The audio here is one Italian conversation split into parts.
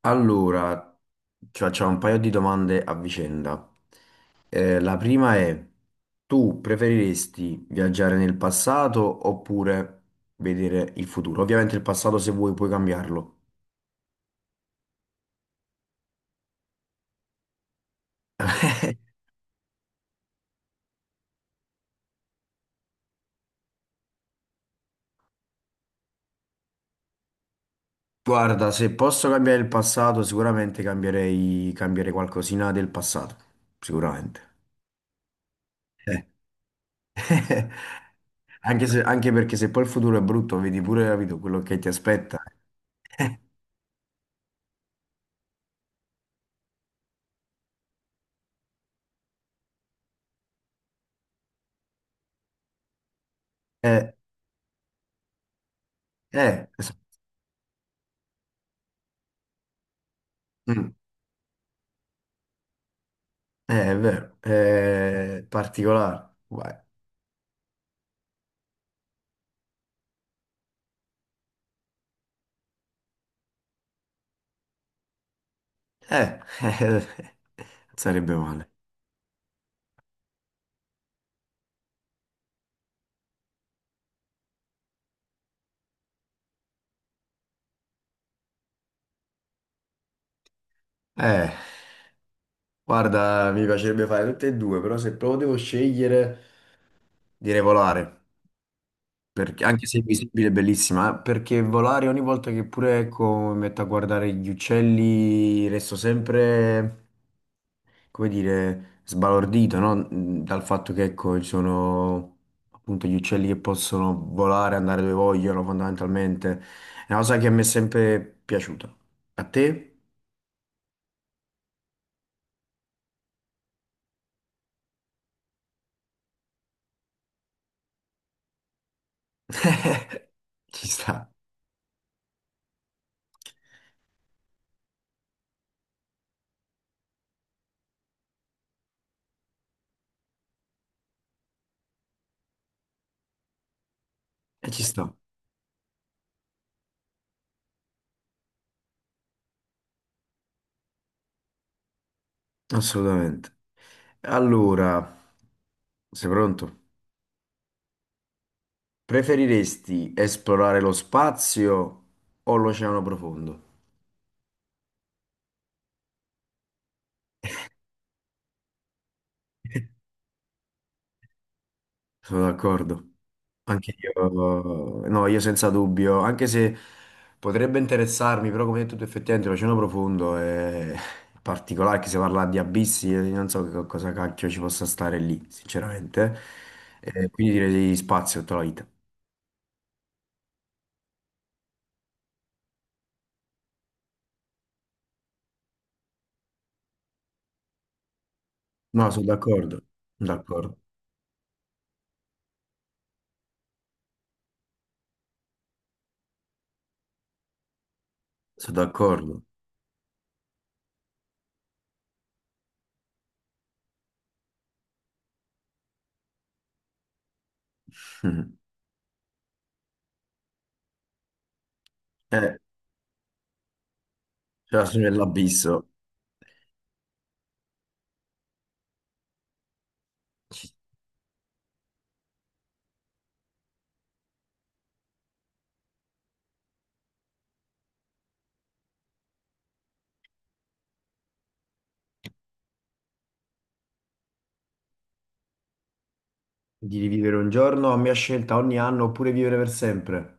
Allora, ci facciamo un paio di domande a vicenda. La prima è, tu preferiresti viaggiare nel passato oppure vedere il futuro? Ovviamente il passato se vuoi puoi cambiarlo. Guarda, se posso cambiare il passato, sicuramente cambierei qualcosina del passato, sicuramente. Eh. Anche perché se poi il futuro è brutto, vedi pure capito, quello che ti aspetta. Eh, eh, es- mm. È vero, è particolare. Vai. Eh, Non sarebbe male. Eh, guarda, mi piacerebbe fare tutte e due, però se proprio devo scegliere, direi volare, perché, anche se è visibile è bellissima, perché volare ogni volta che pure ecco, mi metto a guardare gli uccelli, resto sempre, come dire, sbalordito, no? Dal fatto che, ecco, ci sono appunto gli uccelli che possono volare, andare dove vogliono, fondamentalmente. È una cosa che mi è sempre piaciuta. A te? Ci sta, e ci sta, assolutamente. Allora, sei pronto? Preferiresti esplorare lo spazio o l'oceano profondo? Sono d'accordo. Anche io, no, io senza dubbio, anche se potrebbe interessarmi, però come hai detto tu effettivamente l'oceano profondo è particolare, che si parla di abissi, io non so che cosa cacchio ci possa stare lì, sinceramente. Quindi direi di spazio tutta la vita. No, sono d'accordo, sono d'accordo, sono d'accordo. Mhm. Eh, c'è la soglia dell'abisso, di rivivere un giorno a mia scelta ogni anno oppure vivere per sempre.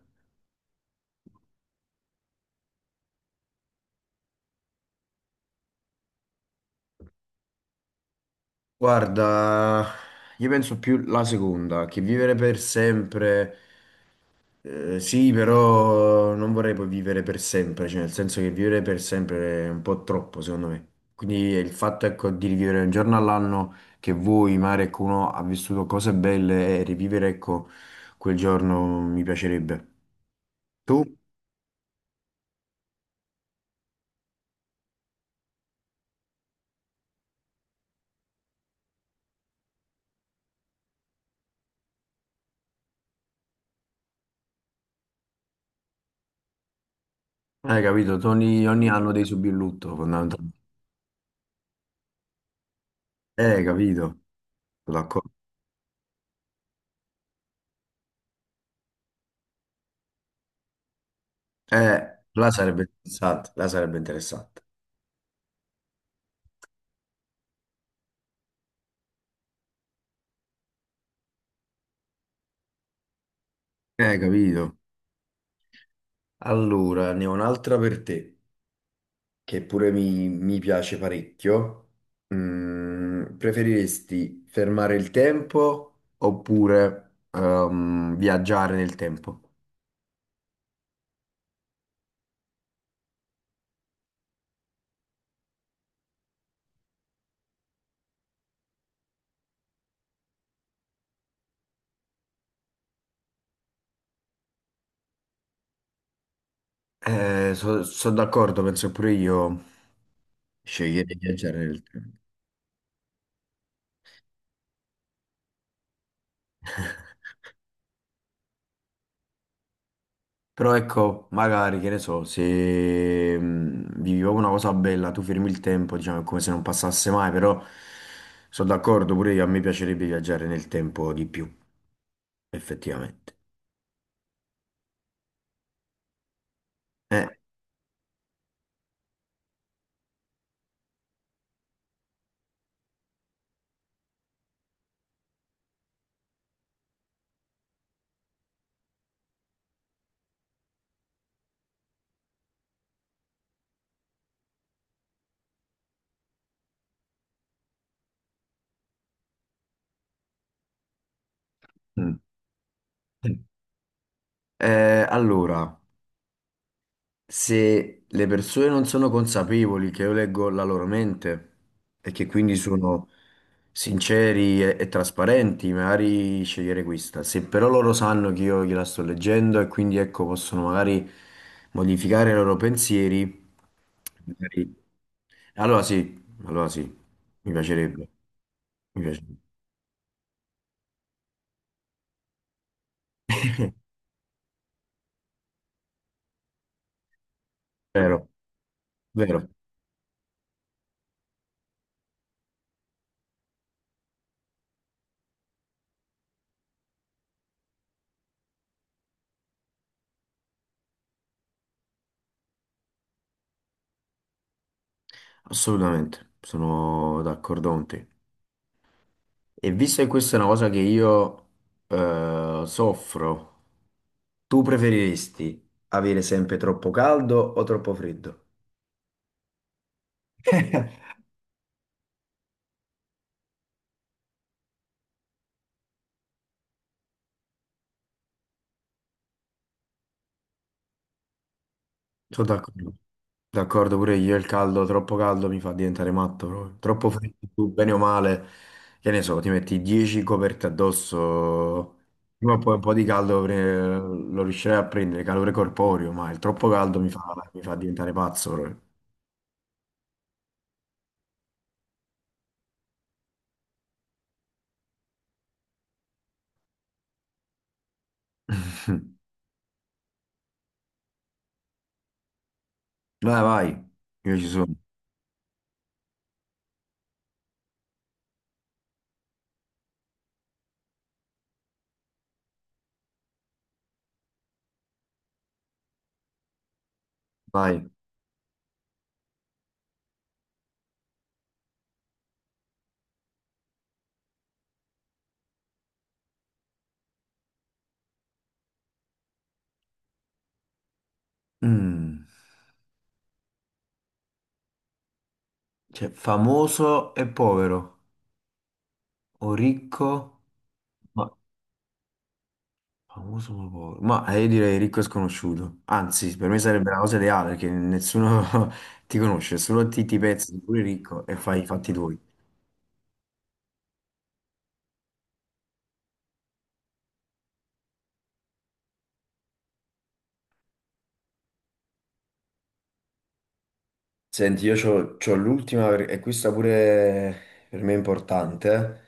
Guarda, io penso più la seconda, che vivere per sempre, sì, però non vorrei poi vivere per sempre, cioè nel senso che vivere per sempre è un po' troppo, secondo me. Quindi il fatto, ecco, di rivivere un giorno all'anno che vuoi, magari ecco, uno ha vissuto cose belle e rivivere, ecco, quel giorno mi piacerebbe. Tu? Hai capito? Ogni anno devi subire il lutto, fondamentalmente. Capito? Sono d'accordo. Là sarebbe interessante, là sarebbe interessante. Capito. Allora, ne ho un'altra per te, che pure mi piace parecchio. Preferiresti fermare il tempo oppure viaggiare nel tempo? Sono d'accordo, penso che pure io sceglierei di viaggiare nel tempo. Però ecco, magari, che ne so, se vivi proprio una cosa bella, tu fermi il tempo, diciamo, è come se non passasse mai, però sono d'accordo, pure io, a me piacerebbe viaggiare nel tempo di più, effettivamente. Eh, Mm. Allora, se le persone non sono consapevoli che io leggo la loro mente e che quindi sono sinceri e trasparenti, magari scegliere questa. Se però loro sanno che io gliela sto leggendo e quindi ecco possono magari modificare i loro pensieri, magari- allora sì, mi piacerebbe, mi piacerebbe. Vero, vero, assolutamente, sono d'accordo con te. E visto che questa è una cosa che io soffro, tu preferiresti avere sempre troppo caldo o troppo freddo? Sono d'accordo. D'accordo pure io, il caldo, troppo caldo mi fa diventare matto proprio. Troppo freddo, tu, bene o male, che ne so, ti metti 10 coperte addosso, prima o poi un po' di caldo lo riuscirai a prendere, calore corporeo, ma il troppo caldo mi fa diventare pazzo proprio. Vai, vai, io ci sono, vai. Mm. Cioè, famoso e povero, o ricco, ma famoso ma povero. Ma io direi ricco e sconosciuto. Anzi, per me sarebbe la cosa ideale, perché nessuno ti conosce, solo ti pensi, sei pure ricco e fai i fatti tuoi. Senti, io c'ho l'ultima, e questa pure per me è importante,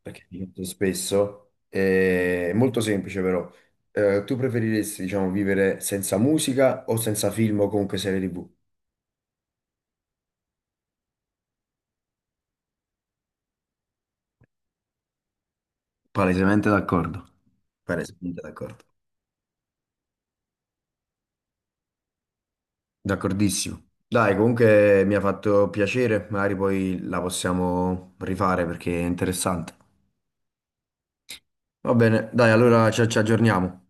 perché mi chiedo spesso, è molto semplice però. Tu preferiresti, diciamo, vivere senza musica o senza film o comunque serie TV? Palesemente d'accordo. Palesemente d'accordo. D'accordissimo. Dai, comunque mi ha fatto piacere, magari poi la possiamo rifare perché è interessante. Va bene, dai, allora ci aggiorniamo.